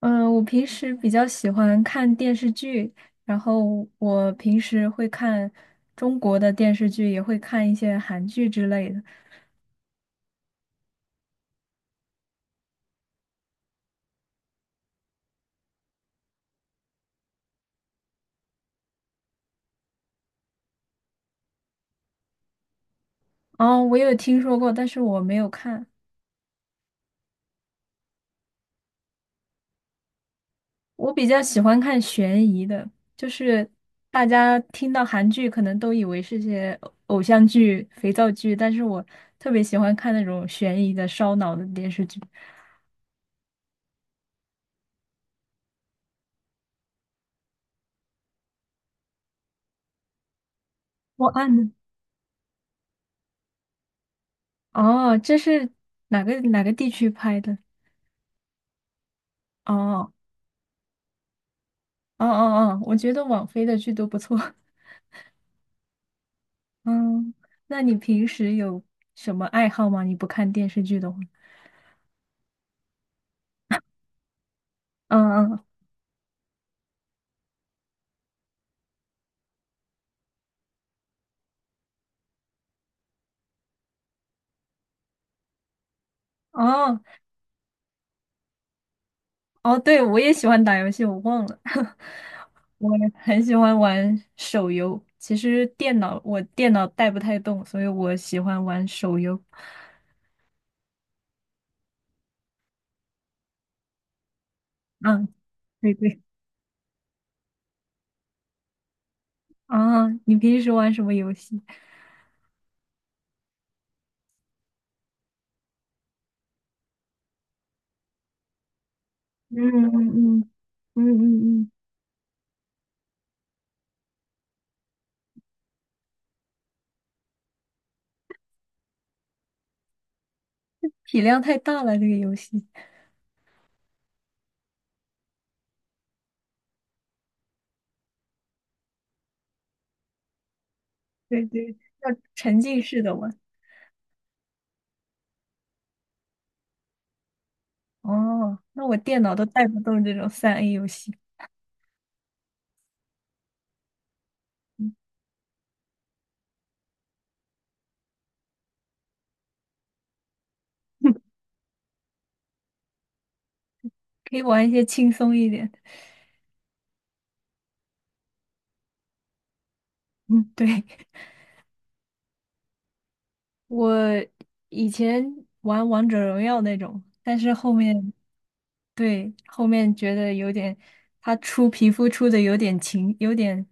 嗯，我平时比较喜欢看电视剧，然后我平时会看中国的电视剧，也会看一些韩剧之类的。哦，我有听说过，但是我没有看。我比较喜欢看悬疑的，就是大家听到韩剧可能都以为是些偶像剧、肥皂剧，但是我特别喜欢看那种悬疑的、烧脑的电视剧。我案的哦，这是哪个地区拍的？哦。哦哦哦，我觉得网飞的剧都不错。嗯，那你平时有什么爱好吗？你不看电视剧的话？嗯嗯，哦哦，对，我也喜欢打游戏，我忘了。我很喜欢玩手游，其实我电脑带不太动，所以我喜欢玩手游。嗯，对对。啊，你平时玩什么游戏？嗯嗯嗯嗯嗯嗯，体量太大了，这个游戏。对对，要沉浸式的玩。哦，那我电脑都带不动这种三 A 游戏，嗯 可以玩一些轻松一点的。嗯，对，我以前玩王者荣耀那种，但是后面，对，后面觉得有点，他出皮肤出的有点勤，有点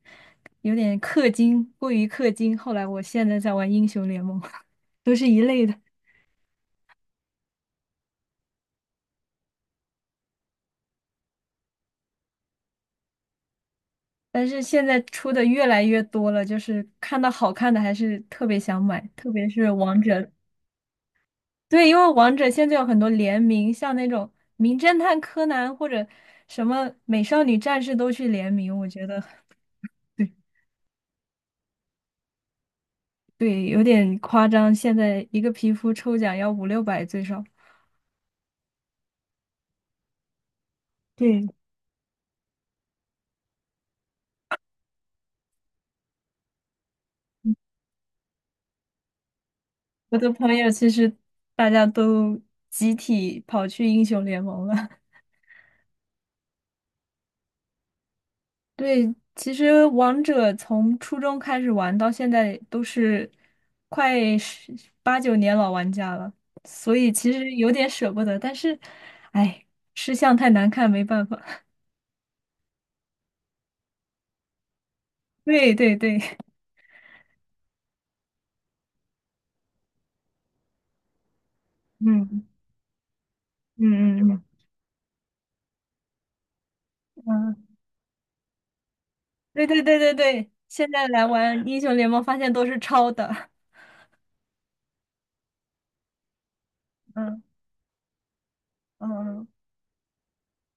有点氪金，过于氪金。后来我现在在玩英雄联盟，都是一类的。但是现在出的越来越多了，就是看到好看的还是特别想买，特别是王者。对，因为王者现在有很多联名，像那种《名侦探柯南》或者什么《美少女战士》都去联名，我觉得对对有点夸张。现在一个皮肤抽奖要五六百最少。对，我的朋友其实大家都集体跑去英雄联盟了。对，其实王者从初中开始玩到现在都是快十八九年老玩家了，所以其实有点舍不得，但是，哎，吃相太难看，没办法。对对对，嗯嗯嗯嗯，嗯，对对对对对，现在来玩英雄联盟，发现都是抄的。嗯嗯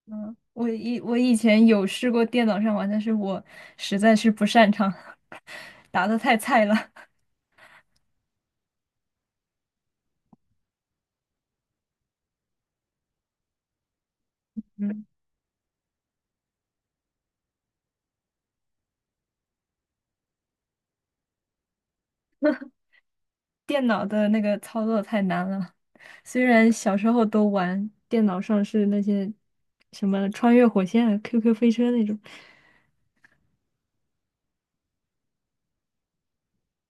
嗯，我以前有试过电脑上玩，但是我实在是不擅长，打的太菜了。电脑的那个操作太难了。虽然小时候都玩，电脑上是那些什么穿越火线啊、QQ 飞车那种，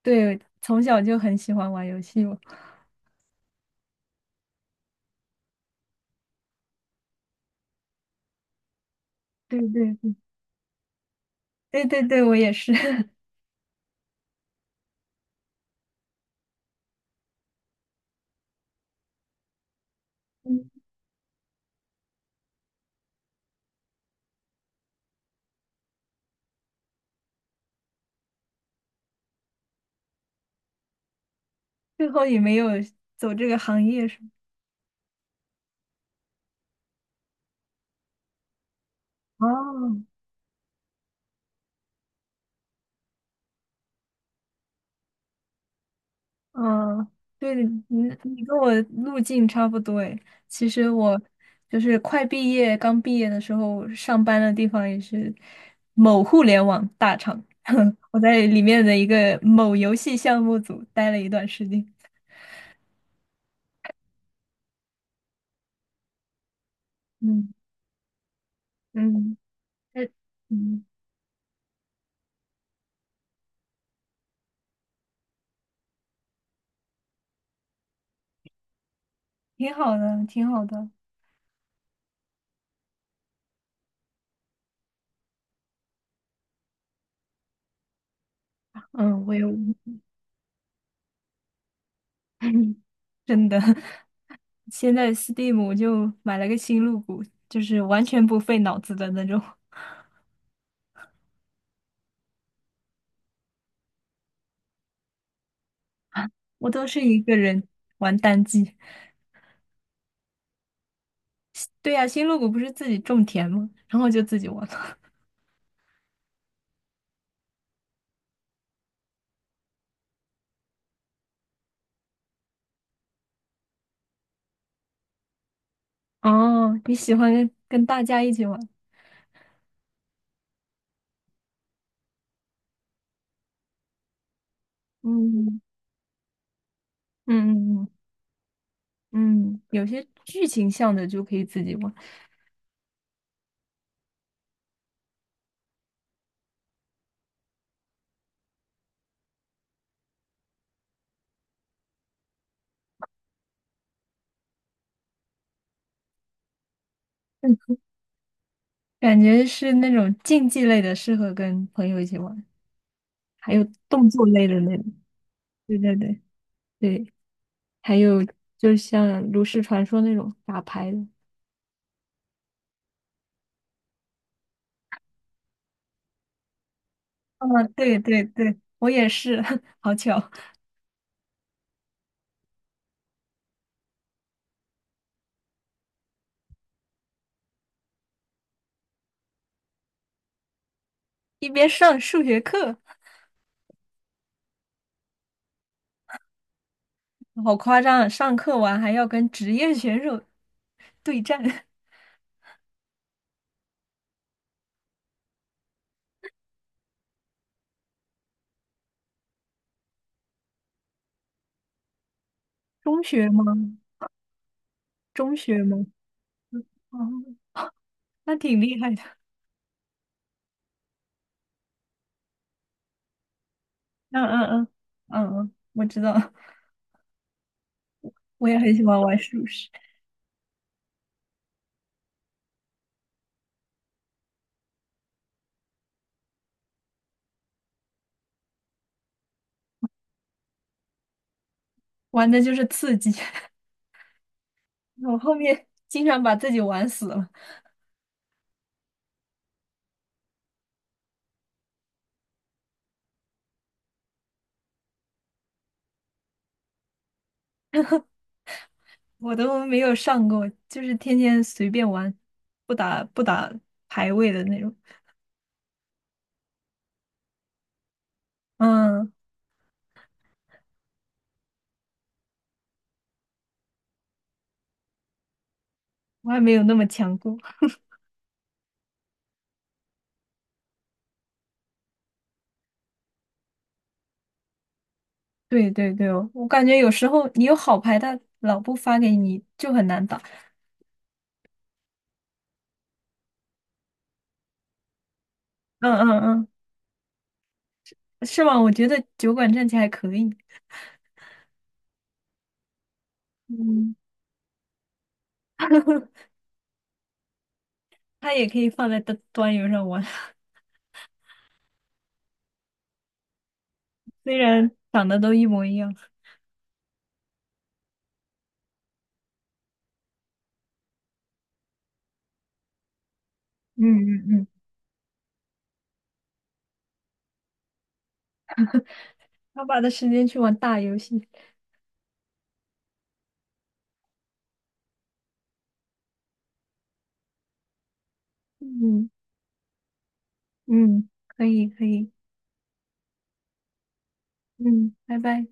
对，从小就很喜欢玩游戏嘛。对对对对对对，我也是，嗯，最后也没有走这个行业是吗？哦，嗯，对，的，你你跟我路径差不多诶。其实我就是快毕业，刚毕业的时候上班的地方也是某互联网大厂，我在里面的一个某游戏项目组待了一段时间。嗯嗯，呃嗯，挺好的，挺好的。嗯，我有，真的，现在 Steam 就买了个新入股，就是完全不费脑子的那种。我都是一个人玩单机。对呀、新露谷不是自己种田吗？然后就自己玩了。哦，你喜欢跟大家一起玩？嗯嗯嗯嗯，嗯有些剧情向的就可以自己玩，嗯，感觉是那种竞技类的适合跟朋友一起玩，还有动作类的那种。对对对对，还有就像炉石传说那种打牌的。啊，对对对，我也是，好巧，一边上数学课。好夸张啊！上课完还要跟职业选手对战，中学吗？中学吗？哦，那挺厉害的。嗯嗯嗯嗯，嗯，我知道，我也很喜欢玩术士，玩的就是刺激。我后面经常把自己玩死了，我都没有上过，就是天天随便玩，不打排位的那种。嗯，我还没有那么强过。对对对哦，我感觉有时候你有好牌，他老不发给你，就很难打。嗯嗯嗯，是吗？我觉得酒馆战棋还可以，嗯，他也可以放在端游上玩，虽然长得都一模一样。嗯嗯嗯，他把的时间去玩大游戏。嗯嗯，可以可以，嗯，拜拜。